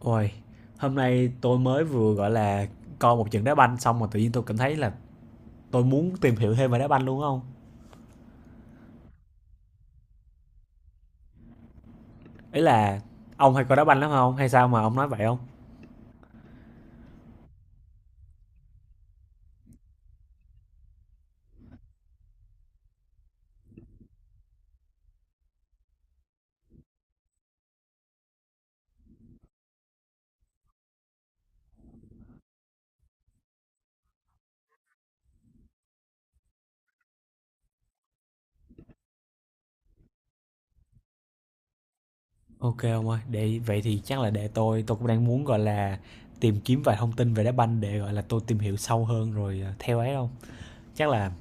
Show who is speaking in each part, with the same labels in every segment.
Speaker 1: Ôi, hôm nay tôi mới vừa, gọi là, coi một trận đá banh xong mà tự nhiên tôi cảm thấy là tôi muốn tìm hiểu thêm về đá banh luôn không ông? Ý là ông hay coi đá banh lắm không? Hay sao mà ông nói vậy không? OK ông ơi, để vậy thì chắc là để tôi cũng đang muốn, gọi là, tìm kiếm vài thông tin về đá banh để, gọi là, tôi tìm hiểu sâu hơn rồi, ờ, theo ấy không? Chắc là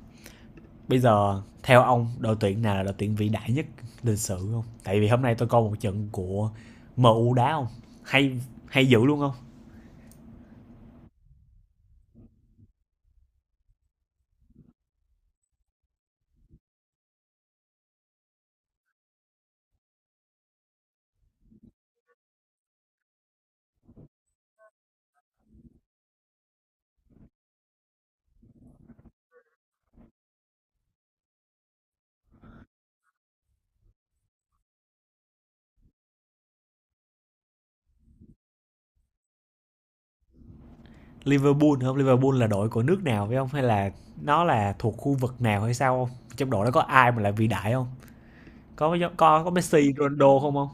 Speaker 1: bây giờ theo ông đội tuyển nào là đội tuyển vĩ đại nhất lịch sử không? Tại vì hôm nay tôi coi một trận của MU đá không, hay hay dữ luôn không? Liverpool không? Liverpool là đội của nước nào phải không? Hay là nó là thuộc khu vực nào hay sao không? Trong đội đó có ai mà là vĩ đại không? Có Messi, Ronaldo không không?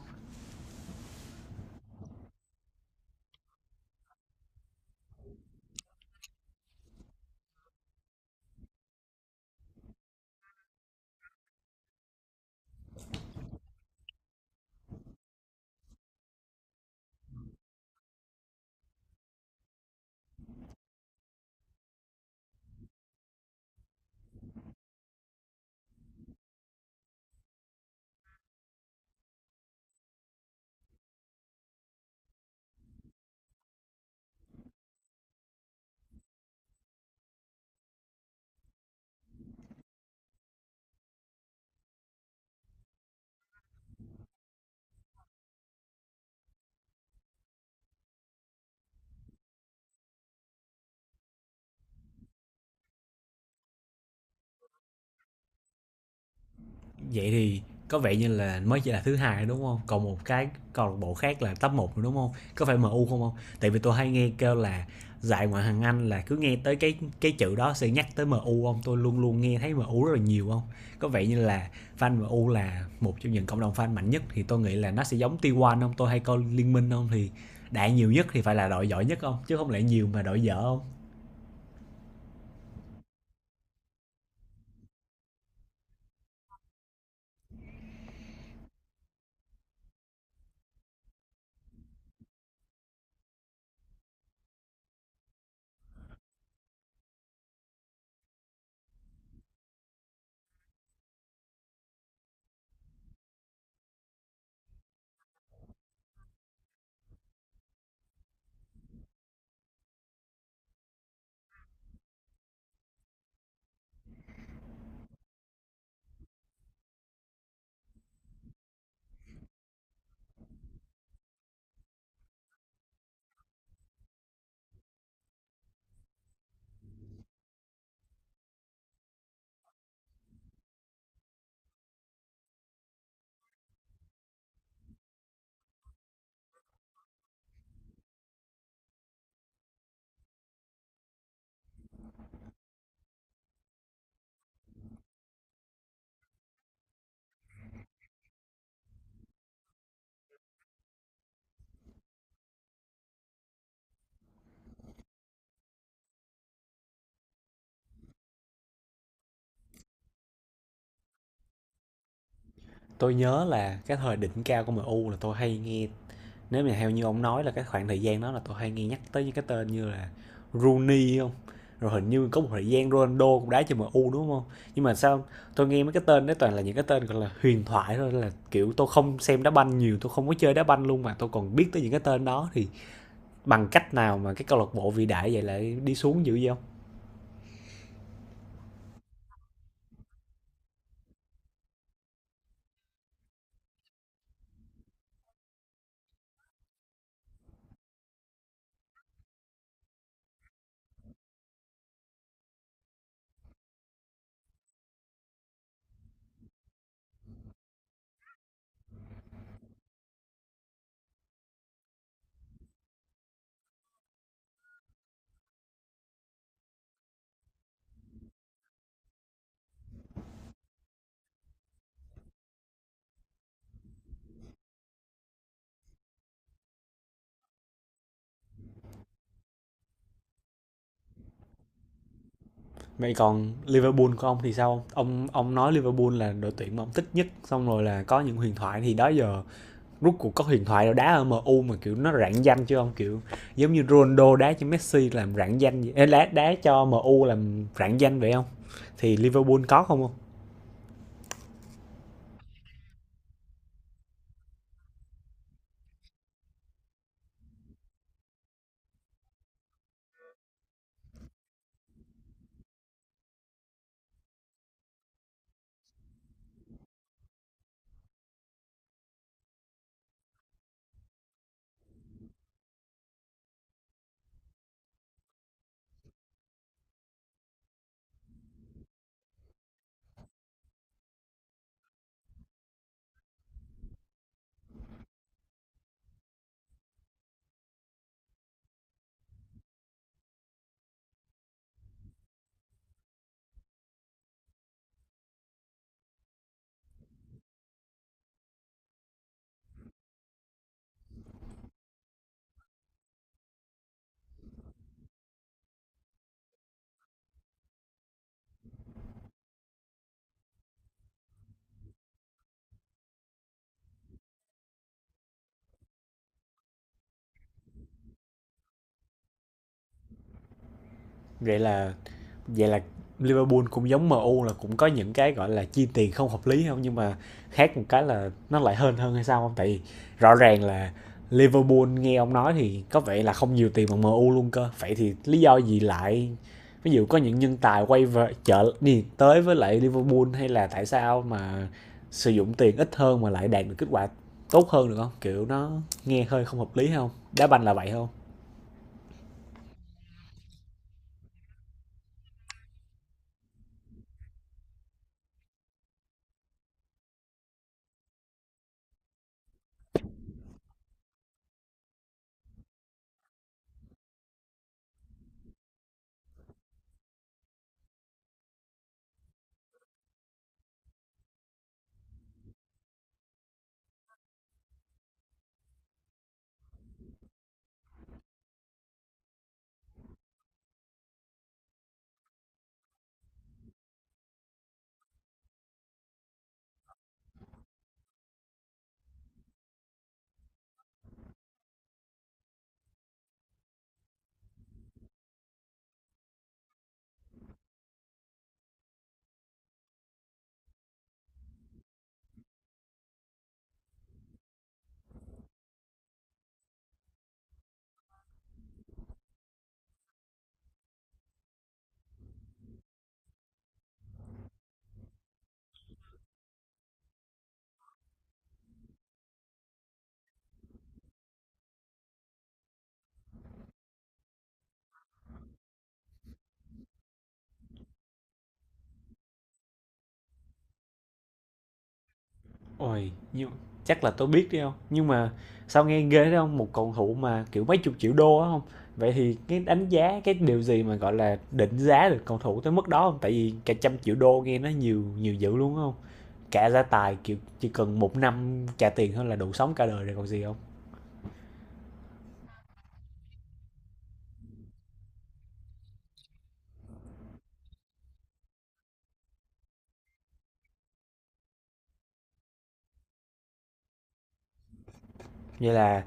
Speaker 1: Vậy thì có vẻ như là mới chỉ là thứ hai đúng không? Còn một cái câu lạc bộ khác là top một đúng không? Có phải MU không hông? Tại vì tôi hay nghe kêu là dạy ngoại hạng Anh là cứ nghe tới cái chữ đó sẽ nhắc tới MU hông? Tôi luôn luôn nghe thấy MU rất là nhiều không? Có vẻ như là fan MU là một trong những cộng đồng fan mạnh nhất thì tôi nghĩ là nó sẽ giống T1 hông? Tôi hay coi Liên Minh không? Thì đại nhiều nhất thì phải là đội giỏi nhất không? Chứ không lẽ nhiều mà đội dở không? Tôi nhớ là cái thời đỉnh cao của MU là tôi hay nghe, nếu mà theo như ông nói là cái khoảng thời gian đó, là tôi hay nghe nhắc tới những cái tên như là Rooney không, rồi hình như có một thời gian Ronaldo cũng đá cho em U đúng không, nhưng mà sao tôi nghe mấy cái tên đấy toàn là những cái tên gọi là huyền thoại thôi, là kiểu tôi không xem đá banh nhiều, tôi không có chơi đá banh luôn mà tôi còn biết tới những cái tên đó, thì bằng cách nào mà cái câu lạc bộ vĩ đại vậy lại đi xuống dữ vậy không? Vậy còn Liverpool của ông thì sao ông nói Liverpool là đội tuyển mà ông thích nhất, xong rồi là có những huyền thoại, thì đó giờ rút cuộc có huyền thoại nào đá ở MU mà kiểu nó rạng danh chứ không kiểu giống như Ronaldo đá cho Messi làm rạng danh, đá đá cho MU làm rạng danh vậy không? Thì Liverpool có không không? Vậy là vậy là Liverpool cũng giống MU là cũng có những cái gọi là chi tiền không hợp lý không, nhưng mà khác một cái là nó lại hơn hơn hay sao không? Tại vì rõ ràng là Liverpool nghe ông nói thì có vẻ là không nhiều tiền bằng MU luôn cơ. Vậy thì lý do gì lại ví dụ có những nhân tài quay về chợ đi tới với lại Liverpool, hay là tại sao mà sử dụng tiền ít hơn mà lại đạt được kết quả tốt hơn được không? Kiểu nó nghe hơi không hợp lý không? Đá banh là vậy không? Ôi, nhưng chắc là tôi biết đấy không. Nhưng mà sao nghe ghê thế không? Một cầu thủ mà, kiểu, mấy chục triệu đô á hông? Vậy thì cái đánh giá cái điều gì mà, gọi là, định giá được cầu thủ tới mức đó không? Tại vì cả trăm triệu đô nghe nó nhiều nhiều dữ luôn á hông? Cả gia tài, kiểu, chỉ cần một năm trả tiền thôi là đủ sống cả đời rồi còn gì không? Vậy là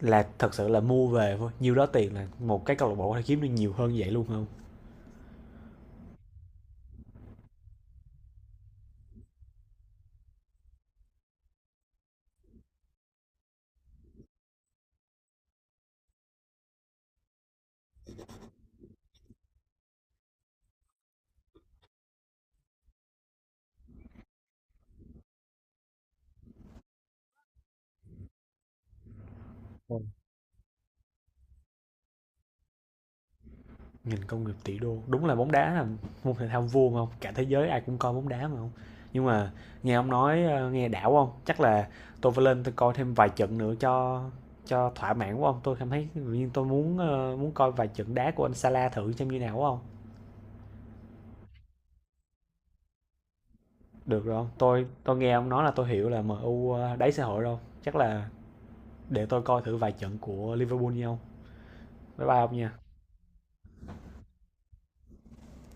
Speaker 1: là thật sự là mua về thôi, nhiêu đó tiền là một cái câu lạc bộ có thể kiếm được nhiều hơn vậy luôn không? Nghìn công nghiệp tỷ đô, đúng là bóng đá là môn thể thao vua mà không, cả thế giới ai cũng coi bóng đá mà không? Nhưng mà nghe ông nói nghe đảo không, chắc là tôi phải lên tôi coi thêm vài trận nữa cho thỏa mãn của ông tôi cảm thấy, nhưng tôi muốn coi vài trận đá của anh Salah thử xem như nào không? Được rồi không, tôi nghe ông nói là tôi hiểu là MU u đáy xã hội rồi, chắc là để tôi coi thử vài trận của Liverpool nhau. Bye bye ông nha.